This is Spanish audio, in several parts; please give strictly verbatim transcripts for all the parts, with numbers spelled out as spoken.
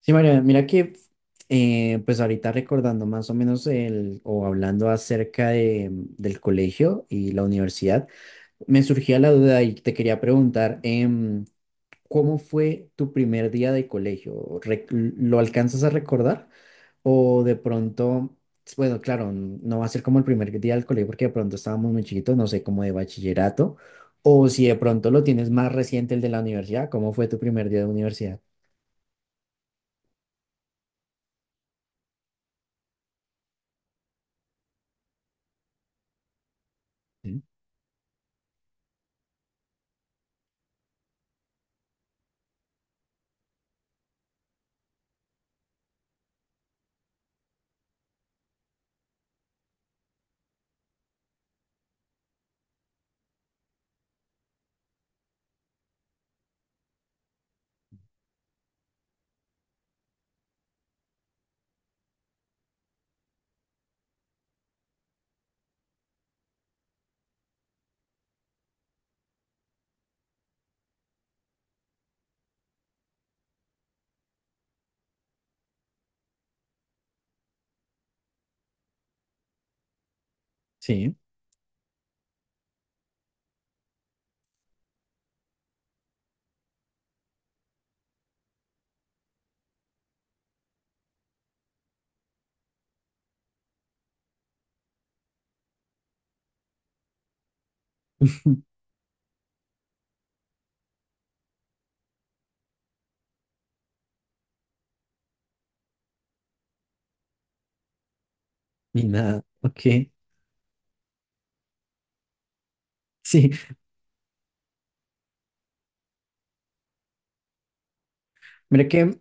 Sí, María, mira que eh, pues ahorita recordando más o menos el, o hablando acerca de, del colegio y la universidad, me surgía la duda y te quería preguntar, em, ¿cómo fue tu primer día de colegio? Re- ¿Lo alcanzas a recordar? O de pronto, bueno, claro, n- no va a ser como el primer día del colegio porque de pronto estábamos muy chiquitos, no sé, como de bachillerato, o si de pronto lo tienes más reciente el de la universidad, ¿cómo fue tu primer día de universidad? Sí. Sí. Ni nada, ok. Sí, mira que,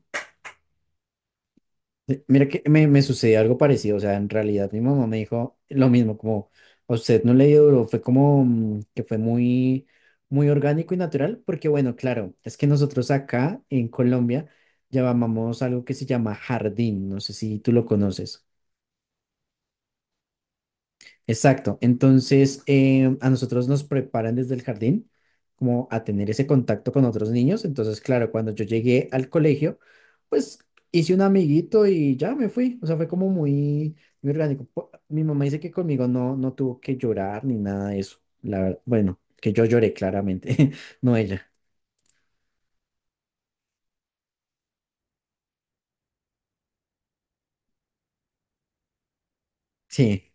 mira que me, me sucedió algo parecido, o sea, en realidad mi mamá me dijo lo mismo, como a usted no le dio duro, fue como mm, que fue muy, muy orgánico y natural, porque bueno, claro, es que nosotros acá en Colombia llamamos algo que se llama jardín, no sé si tú lo conoces. Exacto. Entonces, eh, a nosotros nos preparan desde el jardín como a tener ese contacto con otros niños. Entonces, claro, cuando yo llegué al colegio, pues hice un amiguito y ya me fui. O sea, fue como muy, muy orgánico. Po- Mi mamá dice que conmigo no, no tuvo que llorar ni nada de eso. La ver- bueno, que yo lloré claramente, no ella. Sí,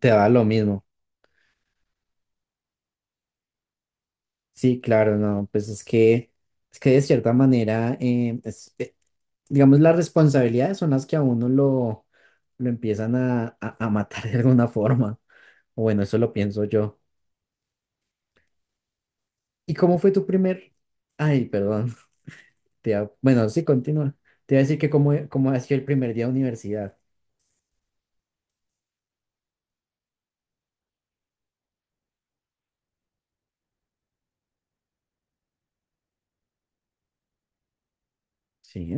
te da lo mismo. Sí, claro, no, pues es que, es que de cierta manera, eh, es- eh, digamos, las responsabilidades son las que a uno lo, lo empiezan a, a, a matar de alguna forma. O bueno, eso lo pienso yo. ¿Y cómo fue tu primer? Ay, perdón. te iba- Bueno, sí, continúa. Te iba a decir que cómo, cómo ha sido el primer día de universidad. Sí,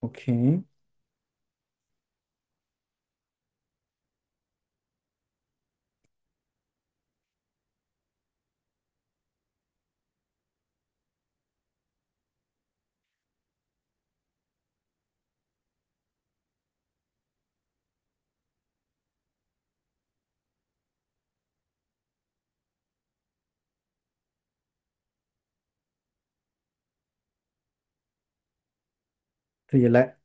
ok. Sí, yo la...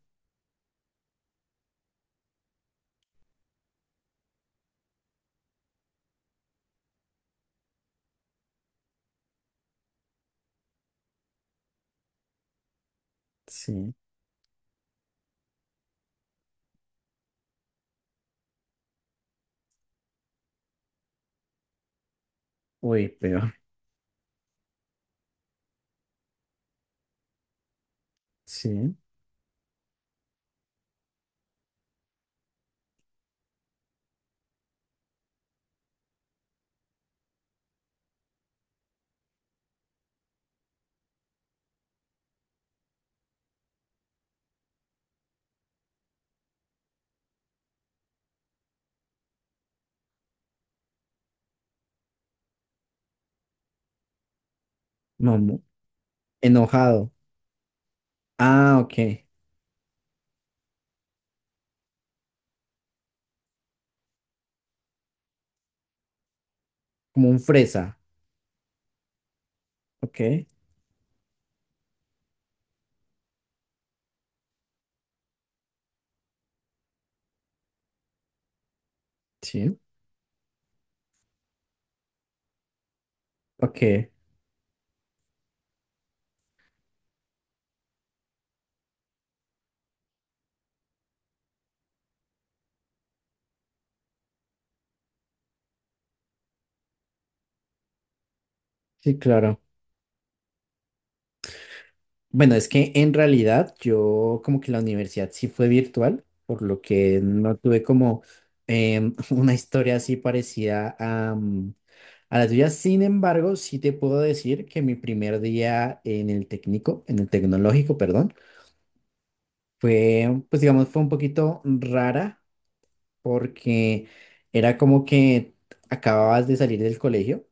Sí. Uy, peor. Sí. Mamá. Enojado. Ah, ok. Como un fresa. Ok. Sí. Ok. Sí, claro. Bueno, es que en realidad yo como que la universidad sí fue virtual, por lo que no tuve como em, una historia así parecida a, mm, a la tuya. Sin embargo, sí te puedo decir que mi primer día en el técnico, en el tecnológico, perdón, fue, pues digamos, fue un poquito rara porque era como que acababas de salir del colegio.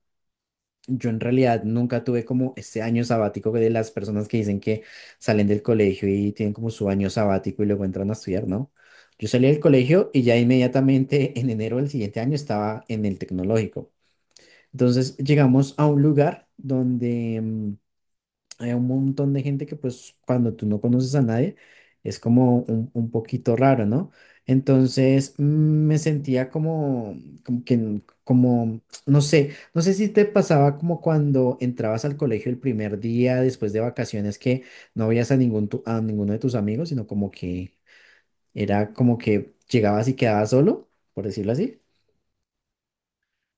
Yo en realidad nunca tuve como este año sabático de las personas que dicen que salen del colegio y tienen como su año sabático y luego entran a estudiar, ¿no? Yo salí del colegio y ya inmediatamente en enero del siguiente año estaba en el tecnológico. Entonces llegamos a un lugar donde mm, hay un montón de gente que pues cuando tú no conoces a nadie es como un, un poquito raro, ¿no? Entonces mm, me sentía como, como que, n- como, no sé, no sé si te pasaba como cuando entrabas al colegio el primer día después de vacaciones que no veías a ningún tu- a ninguno de tus amigos, sino como que era como que llegabas y quedabas solo, por decirlo así.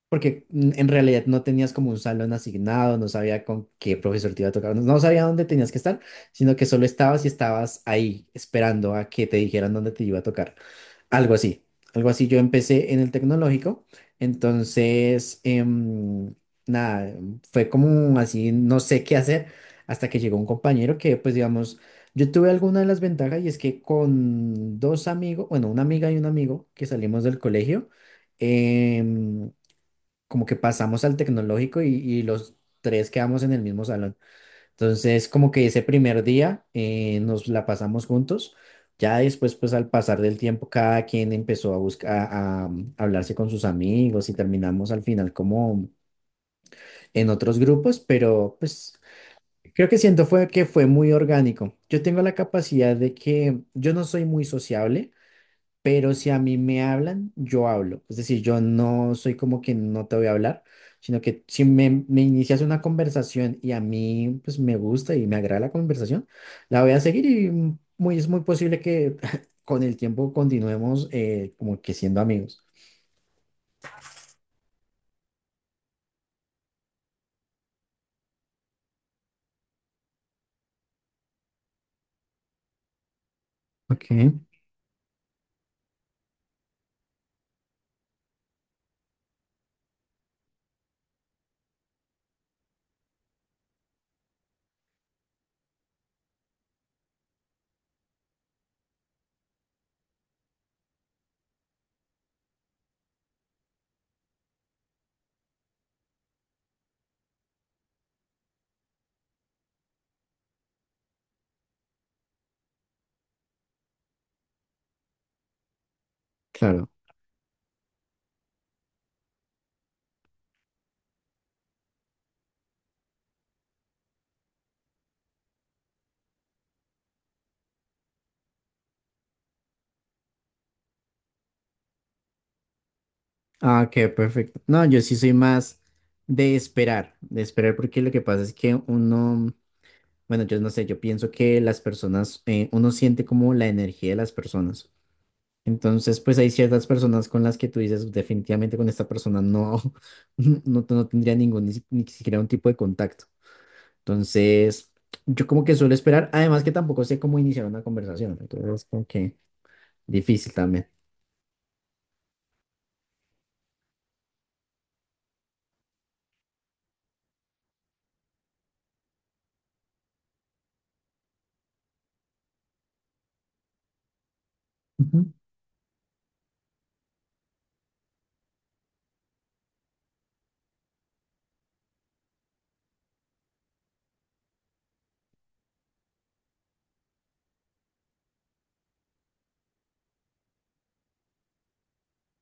Porque mm, en realidad no tenías como un salón asignado, no sabía con qué profesor te iba a tocar, no no sabía dónde tenías que estar, sino que solo estabas y estabas ahí esperando a que te dijeran dónde te iba a tocar. Algo así, algo así. Yo empecé en el tecnológico, entonces, em, nada, fue como así, no sé qué hacer, hasta que llegó un compañero que, pues digamos, yo tuve alguna de las ventajas y es que con dos amigos, bueno, una amiga y un amigo que salimos del colegio, em, como que pasamos al tecnológico y, y los tres quedamos en el mismo salón. Entonces, como que ese primer día eh, nos la pasamos juntos. Ya después, pues al pasar del tiempo, cada quien empezó a buscar, a, a hablarse con sus amigos y terminamos al final como en otros grupos, pero pues creo que siento fue que fue muy orgánico. Yo tengo la capacidad de que yo no soy muy sociable. Pero si a mí me hablan, yo hablo. Es decir, yo no soy como que no te voy a hablar, sino que si me, me inicias una conversación y a mí pues me gusta y me agrada la conversación, la voy a seguir y mm, muy, es muy posible que con el tiempo continuemos eh, como que siendo amigos. Ok, claro. Ah, ok, perfecto. No, yo sí soy más de esperar, de esperar porque lo que pasa es que uno, bueno, yo no sé, yo pienso que las personas, eh, uno siente como la energía de las personas. Entonces, pues hay ciertas personas con las que tú dices, definitivamente con esta persona no, no, no tendría ningún, ni, si- ni siquiera un tipo de contacto. Entonces, yo como que suelo esperar, además que tampoco sé cómo iniciar una conversación, entonces es como que difícil también. Ujú,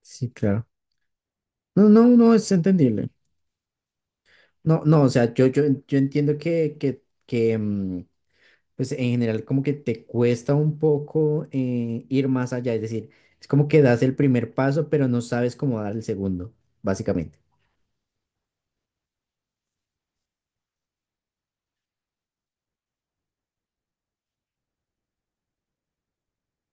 sí, claro. No, no, no, es entendible. No, no, o sea, yo, yo, yo entiendo que, que, que, mm, pues en general como que te cuesta un poco eh, ir más allá, es decir, es como que das el primer paso, pero no sabes cómo dar el segundo, básicamente.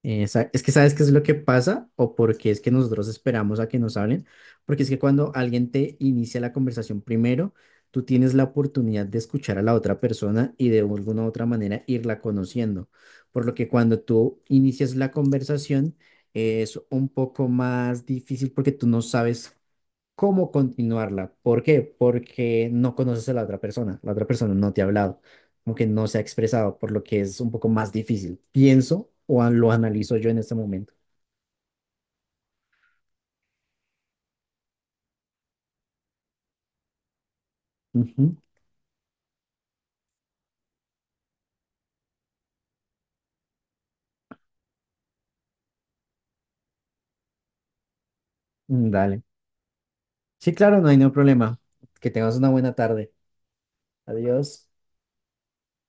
Eh, sa- es que sabes qué es lo que pasa o por qué es que nosotros esperamos a que nos hablen, porque es que cuando alguien te inicia la conversación primero, tú tienes la oportunidad de escuchar a la otra persona y de alguna u otra manera irla conociendo, por lo que cuando tú inicias la conversación, es un poco más difícil porque tú no sabes cómo continuarla. ¿Por qué? Porque no conoces a la otra persona, la otra persona no te ha hablado, como que no se ha expresado, por lo que es un poco más difícil. Pienso o a- lo analizo yo en este momento. Ujú, mm, dale. Sí, claro, no hay ningún problema. Que tengas una buena tarde. Adiós.